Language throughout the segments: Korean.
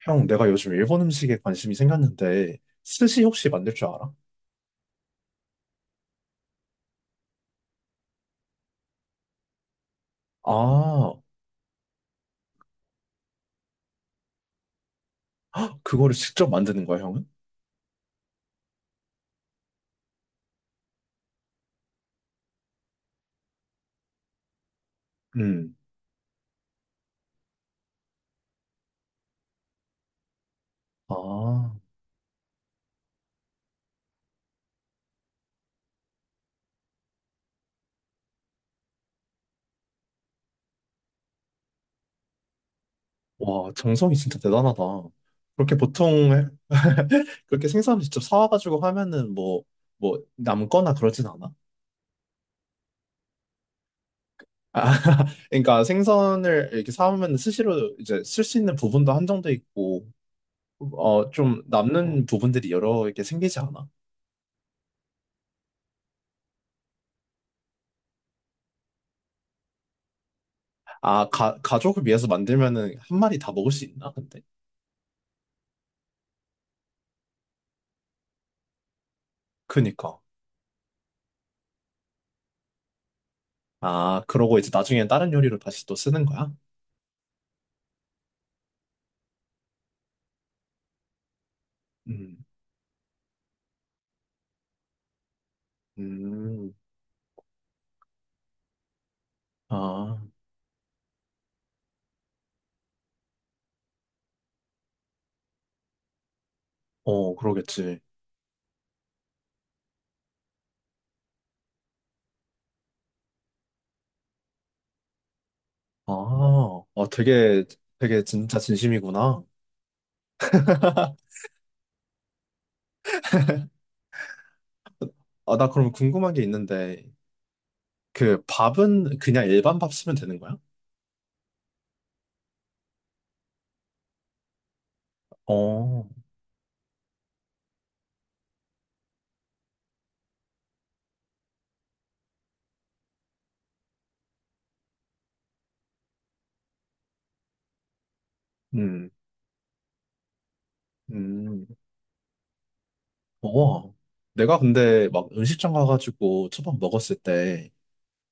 형, 내가 요즘 일본 음식에 관심이 생겼는데, 스시 혹시 만들 줄 알아? 아, 헉, 그거를 직접 만드는 거야, 형은? 음. 아, 와, 정성이 진짜 대단하다. 그렇게 보통, 해- 그렇게 생선 직접 사와가지고 하면은 뭐, 남거나 그러진 않아? 아, 그러니까 생선을 이렇게 사오면 스시로 이제 쓸 수 있는 부분도 한정돼 있고, 어, 좀 남는 부분들이 여러 개 생기지 않아? 아, 가족을 위해서 만들면은 한 마리 다 먹을 수 있나? 근데? 그니까. 아, 그러고 이제 나중엔 다른 요리로 다시 또 쓰는 거야? 음, 음, 아, 어, 그러겠지. 아, 어, 되게 진짜 진심이구나. 아, 나 그럼 궁금한 게 있는데, 그 밥은 그냥 일반 밥 쓰면 되는 거야? 어, 음, 음, 어. 내가 근데 막 음식점 가가지고 초밥 먹었을 때,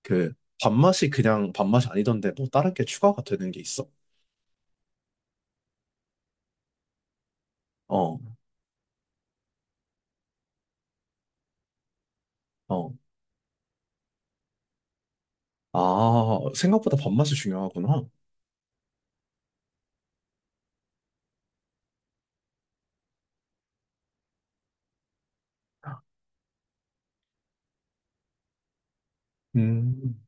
그 밥맛이 그냥 밥맛이 아니던데 뭐 다른 게 추가가 되는 게 있어? 어, 어. 아, 생각보다 밥맛이 중요하구나. 음.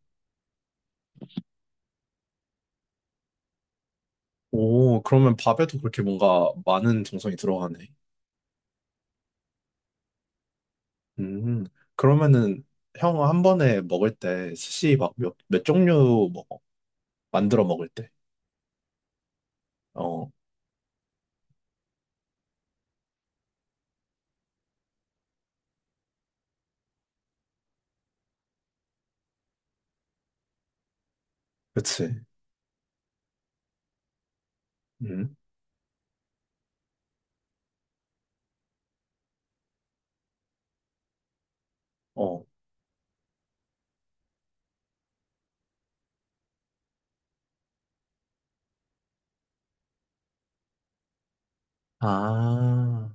오, 그러면 밥에도 그렇게 뭔가 많은 정성이 들어가네. 음. 그러면은 형 한 번에 먹을 때 스시 막 몇 종류 먹어? 만들어 먹을 때. 어, 그치. 음. 어. 아,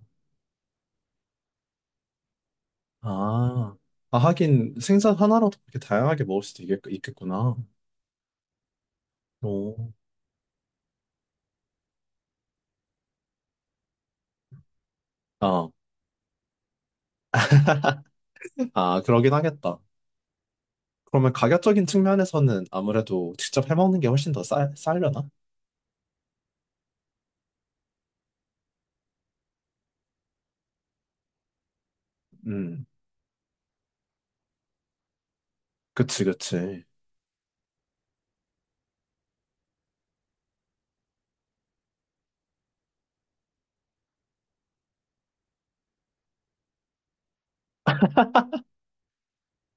아. 아, 하긴 생선 하나로도 그렇게 다양하게 먹을 수도 있겠구나. 오. 아, 아, 그러긴 하겠다. 그러면 가격적인 측면에서는 아무래도 직접 해먹는 게 훨씬 더 싸려나? 음, 그치, 그치.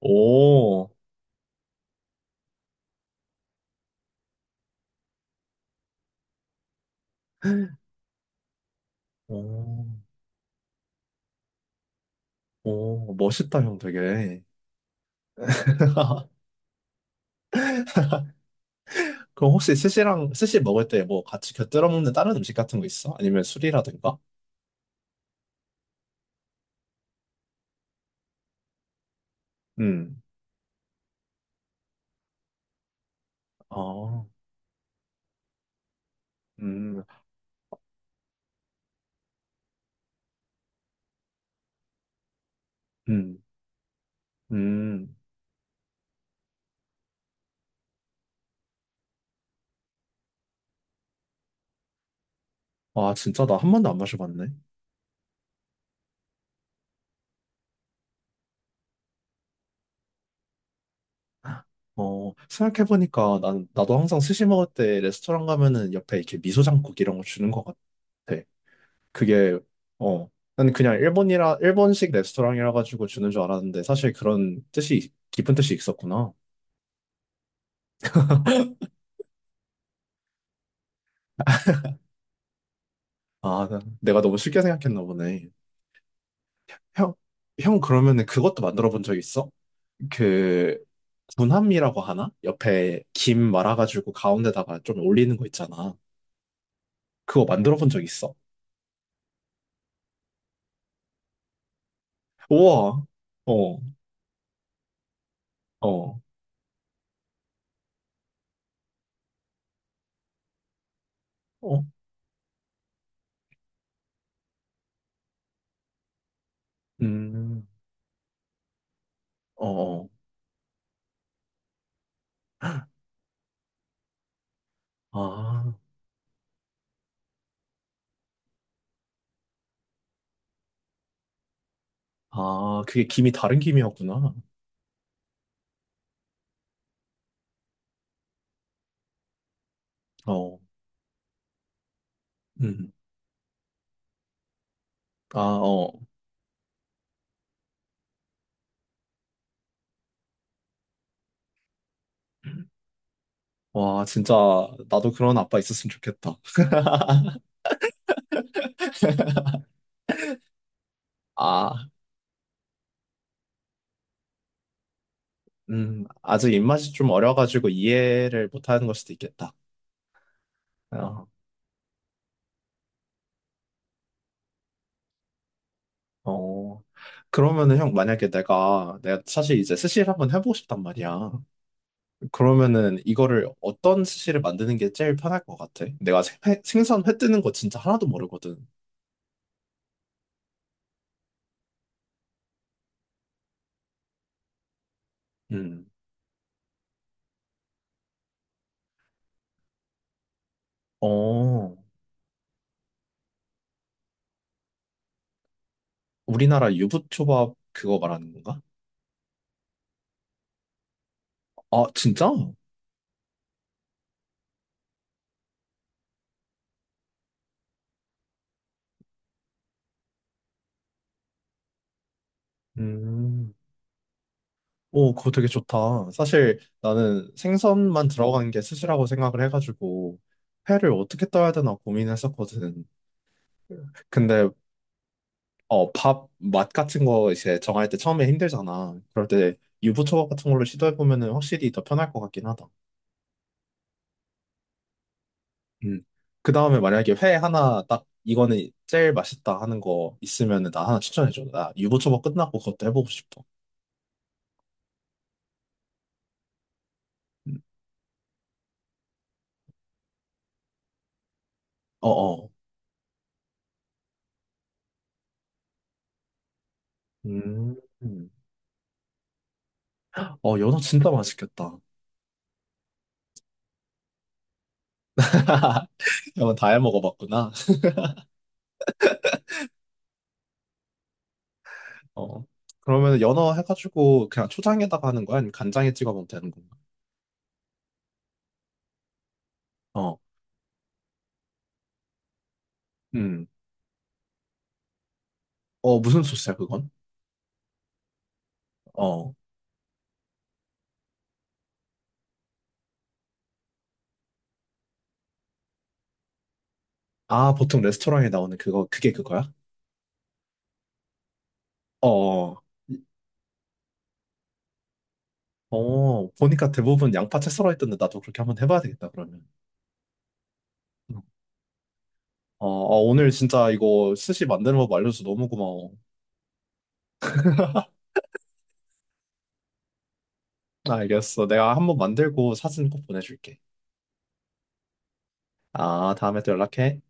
오, 오, 오, 멋있다, 형 되게. 그럼 혹시 스시 먹을 때 뭐 같이 곁들여 먹는 다른 음식 같은 거 있어? 아니면 술이라든가? 음, 아, 음, 음, 음. 아, 진짜 나 한 번도 안 마셔봤네. 어, 생각해보니까 나도 항상 스시 먹을 때 레스토랑 가면은 옆에 이렇게 미소 장국 이런 거 주는 것 같아. 그게 어, 난 그냥 일본이라 일본식 레스토랑이라 가지고 주는 줄 알았는데 사실 그런 뜻이 깊은 뜻이 있었구나. 아, 내가 너무 쉽게 생각했나 보네. 형, 형 그러면은 그것도 만들어 본 적 있어? 그 군함이라고 하나? 옆에 김 말아가지고 가운데다가 좀 올리는 거 있잖아. 그거 만들어 본 적 있어? 우와. 어, 어, 어, 음, 어, 어. 아, 아, 그게 김이 다른 김이었구나. 어, 음. 아, 어, 어. 와, 진짜 나도 그런 아빠 있었으면 좋겠다. 아, 아직 입맛이 좀 어려가지고 이해를 못하는 걸 수도 있겠다. 어, 어. 그러면은 형 만약에 내가 사실 이제 스시를 한번 해보고 싶단 말이야. 그러면은 이거를 어떤 스시를 만드는 게 제일 편할 것 같아? 내가 생선 회 뜨는 거 진짜 하나도 모르거든. 음, 어, 우리나라 유부초밥 그거 말하는 건가? 아, 진짜? 음. 오, 그거 되게 좋다. 사실 나는 생선만 들어간 게 스시라고 생각을 해가지고 회를 어떻게 떠야 되나 고민했었거든. 근데 어, 밥 맛 같은 거 이제 정할 때 처음에 힘들잖아. 그럴 때 유부초밥 같은 걸로 시도해 보면은 확실히 더 편할 것 같긴 하다. 음. 그 다음에 만약에 회 하나 딱 이거는 제일 맛있다 하는 거 있으면은 나 하나 추천해 줘. 나 유부초밥 끝나고 그것도 해보고 싶어. 음. 어어. 음. 어, 연어 진짜 맛있겠다. 연어 다 해 먹어봤구나. 어. 그러면 연어 해가지고 그냥 초장에다가 하는 거야? 아니면 간장에 찍어 먹으면 되는 건가? 어. 음. 어, 무슨 소스야, 그건? 어. 아, 보통 레스토랑에 나오는 그거, 그게 그거야? 어. 어, 보니까 대부분 양파채 썰어있던데 나도 그렇게 한번 해봐야 되겠다, 그러면. 음. 어, 어, 오늘 진짜 이거 스시 만드는 법 알려줘서 너무 고마워. 알겠어. 내가 한번 만들고 사진 꼭 보내줄게. 아, 다음에 또 연락해.